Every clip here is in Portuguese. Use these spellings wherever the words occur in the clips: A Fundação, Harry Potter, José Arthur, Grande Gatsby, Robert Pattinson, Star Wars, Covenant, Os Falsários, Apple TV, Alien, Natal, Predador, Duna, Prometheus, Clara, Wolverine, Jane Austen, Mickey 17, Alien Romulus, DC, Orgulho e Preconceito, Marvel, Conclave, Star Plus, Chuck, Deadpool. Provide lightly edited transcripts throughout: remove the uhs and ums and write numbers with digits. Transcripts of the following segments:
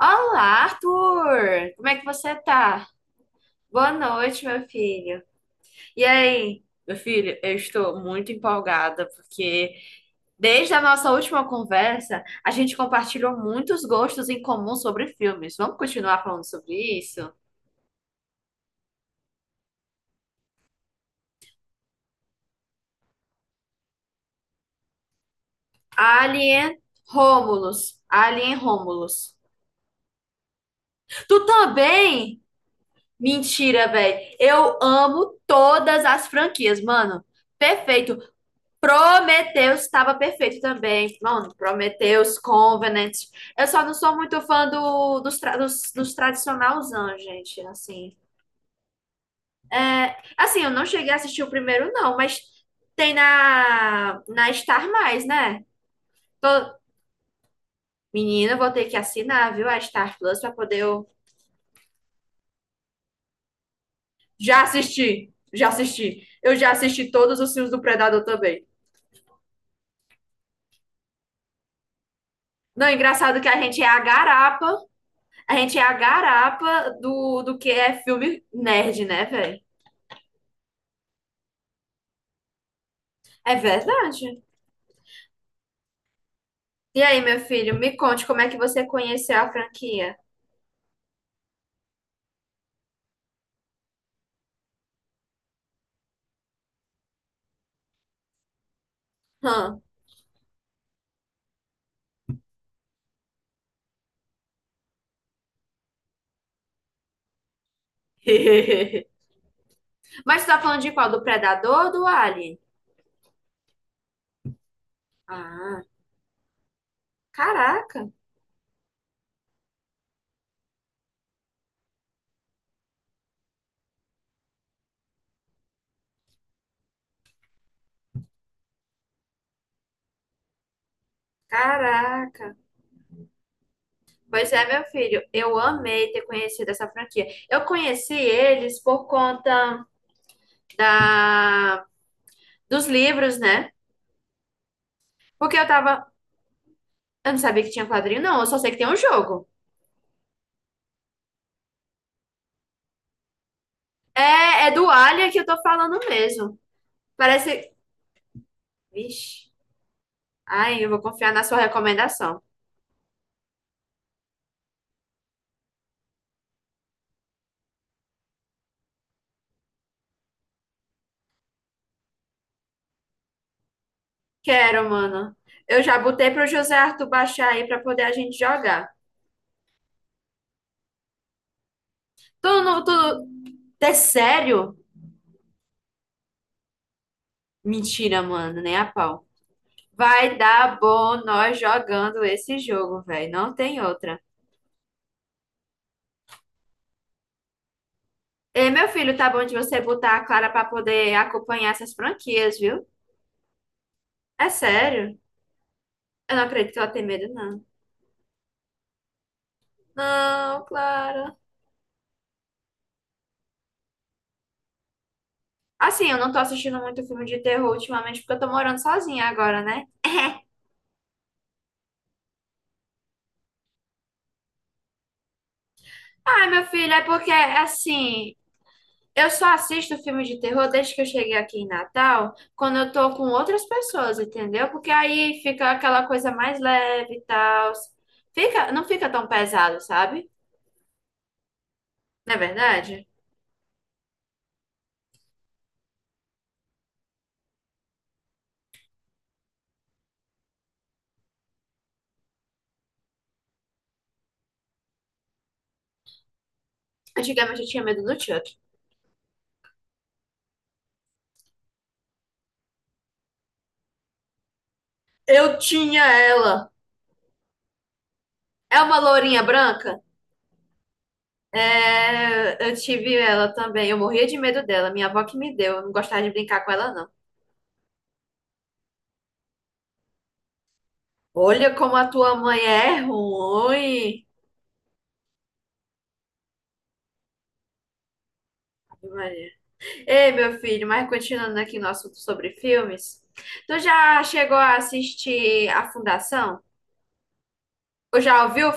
Olá, Arthur! Como é que você tá? Boa noite, meu filho. E aí, meu filho, eu estou muito empolgada porque desde a nossa última conversa a gente compartilhou muitos gostos em comum sobre filmes. Vamos continuar falando sobre isso? Alien Romulus. Alien Romulus. Tu também? Mentira, velho. Eu amo todas as franquias, mano. Perfeito. Prometheus estava perfeito também. Mano, Prometheus, Covenant. Eu só não sou muito fã do, dos, tra- dos, dos tradicionalzão, gente. Assim, é, assim, eu não cheguei a assistir o primeiro, não, mas tem na Star Mais, né? Tô, menina, eu vou ter que assinar, viu, a Star Plus pra poder eu já assistir. Já assisti. Eu já assisti todos os filmes do Predador também. Não, engraçado que a gente é a garapa. A gente é a garapa do que é filme nerd, né, velho? É verdade. E aí, meu filho, me conte como é que você conheceu a franquia. Hã? Mas tu tá falando de qual? Do Predador ou do Alien? Ah, caraca, caraca. Pois é, meu filho, eu amei ter conhecido essa franquia. Eu conheci eles por conta da... dos livros, né? Porque eu tava. Eu não sabia que tinha quadrinho, não. Eu só sei que tem um jogo. É, é do Alia que eu tô falando mesmo. Parece. Vixe. Ai, eu vou confiar na sua recomendação. Quero, mano. Eu já botei pro José Arthur baixar aí pra poder a gente jogar. Tu não. Tu... É sério? Mentira, mano, nem a pau. Vai dar bom nós jogando esse jogo, velho. Não tem outra. Ei, meu filho, tá bom de você botar a Clara pra poder acompanhar essas franquias, viu? É sério. Eu não acredito que ela tem medo, não. Não, Clara. Assim, eu não tô assistindo muito filme de terror ultimamente porque eu tô morando sozinha agora, né? Ai, meu filho, é porque, assim, eu só assisto filme de terror desde que eu cheguei aqui em Natal, quando eu tô com outras pessoas, entendeu? Porque aí fica aquela coisa mais leve e tal. Fica, não fica tão pesado, sabe? Não é verdade? Antigamente eu tinha medo do Chuck. Eu tinha ela. É uma lourinha branca? É, eu tive ela também. Eu morria de medo dela. Minha avó que me deu. Eu não gostava de brincar com ela, não. Olha como a tua mãe é ruim. Ave Maria. Ei, meu filho, mas continuando aqui no assunto sobre filmes, tu já chegou a assistir A Fundação? Ou já ouviu,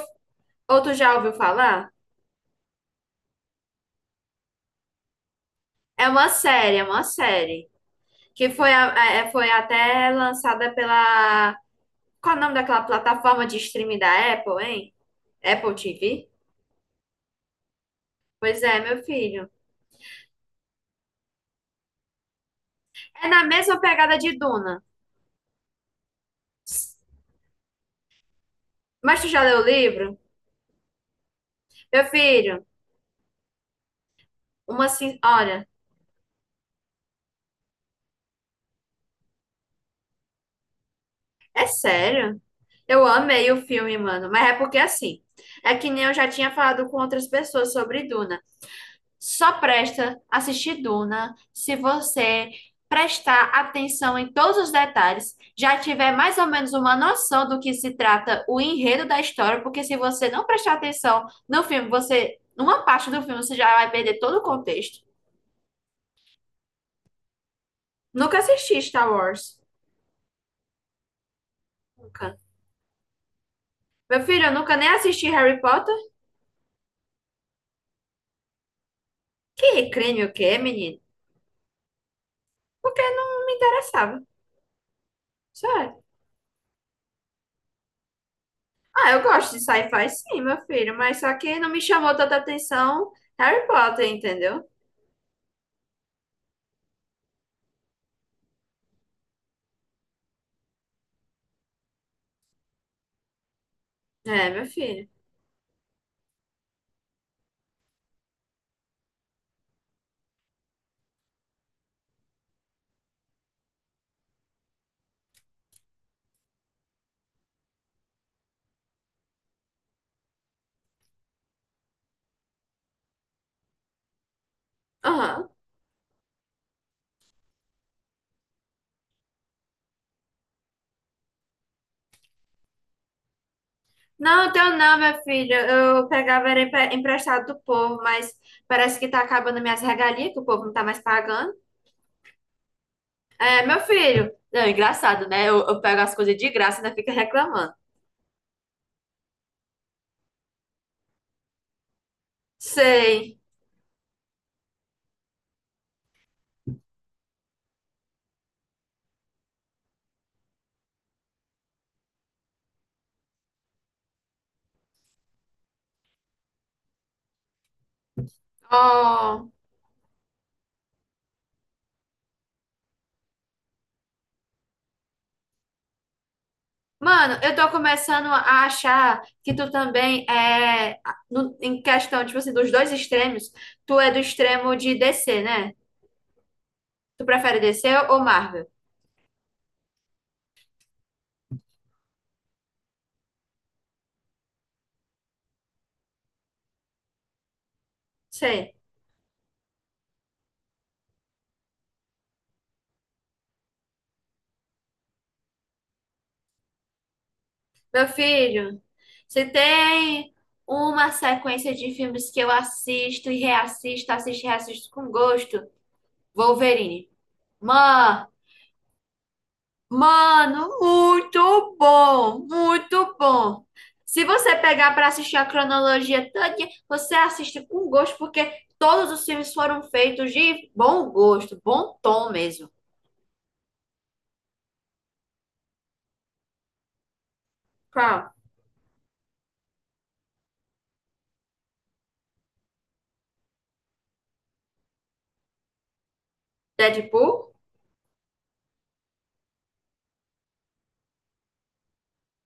ou tu já ouviu falar? É uma série, que foi, a- é- é, foi até lançada pela... Qual é o nome daquela plataforma de streaming da Apple, hein? Apple TV? Pois é, meu filho. É na mesma pegada de Duna. Mas tu já leu o livro? Meu filho, uma... sin- Olha... É sério? Eu amei o filme, mano. Mas é porque assim, é que nem eu já tinha falado com outras pessoas sobre Duna. Só presta assistir Duna se você prestar atenção em todos os detalhes, já tiver mais ou menos uma noção do que se trata o enredo da história, porque se você não prestar atenção no filme, você, numa parte do filme, você já vai perder todo o contexto. Nunca assisti Star Wars. Nunca. Meu filho, eu nunca nem assisti Harry Potter. Que crime o quê, menino? Porque não me interessava. Sério. Ah, eu gosto de sci-fi sim, meu filho, mas só que não me chamou tanta atenção Harry Potter, entendeu? É, meu filho. Aham. Não, teu não, meu filho. Eu pegava era emprestado do povo, mas parece que tá acabando minhas regalias, que o povo não tá mais pagando. É, meu filho. Não, engraçado, né? Eu pego as coisas de graça e ainda fica reclamando. Sei. Oh. Mano, eu tô começando a achar que tu também é, no- em questão, tipo assim, dos dois extremos, tu é do extremo de DC, né? Tu prefere DC ou Marvel? Sei. Meu filho, se tem uma sequência de filmes que eu assisto e reassisto com gosto, Wolverine. Mano, Mano, muito bom, muito bom. Se você pegar para assistir a cronologia toda, você assiste com gosto, porque todos os filmes foram feitos de bom gosto, bom tom mesmo. Qual? Deadpool?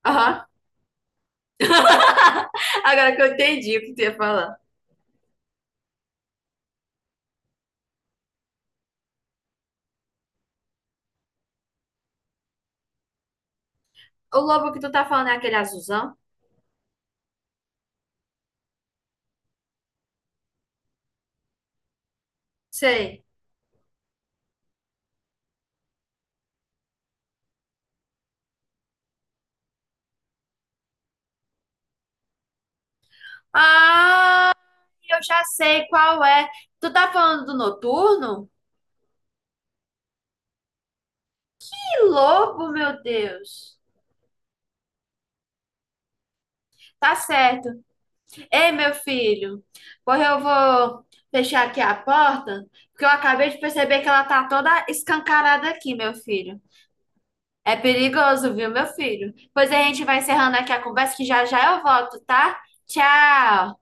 Aham. Agora que eu entendi o que tu ia falar. O lobo que tu tá falando é aquele azulzão? Sei. Ah, eu já sei qual é. Tu tá falando do noturno? Que lobo, meu Deus. Tá certo. Ei, meu filho, porra, eu vou fechar aqui a porta, porque eu acabei de perceber que ela tá toda escancarada aqui, meu filho. É perigoso, viu, meu filho? Pois a gente vai encerrando aqui a conversa, que já já eu volto, tá? Tchau!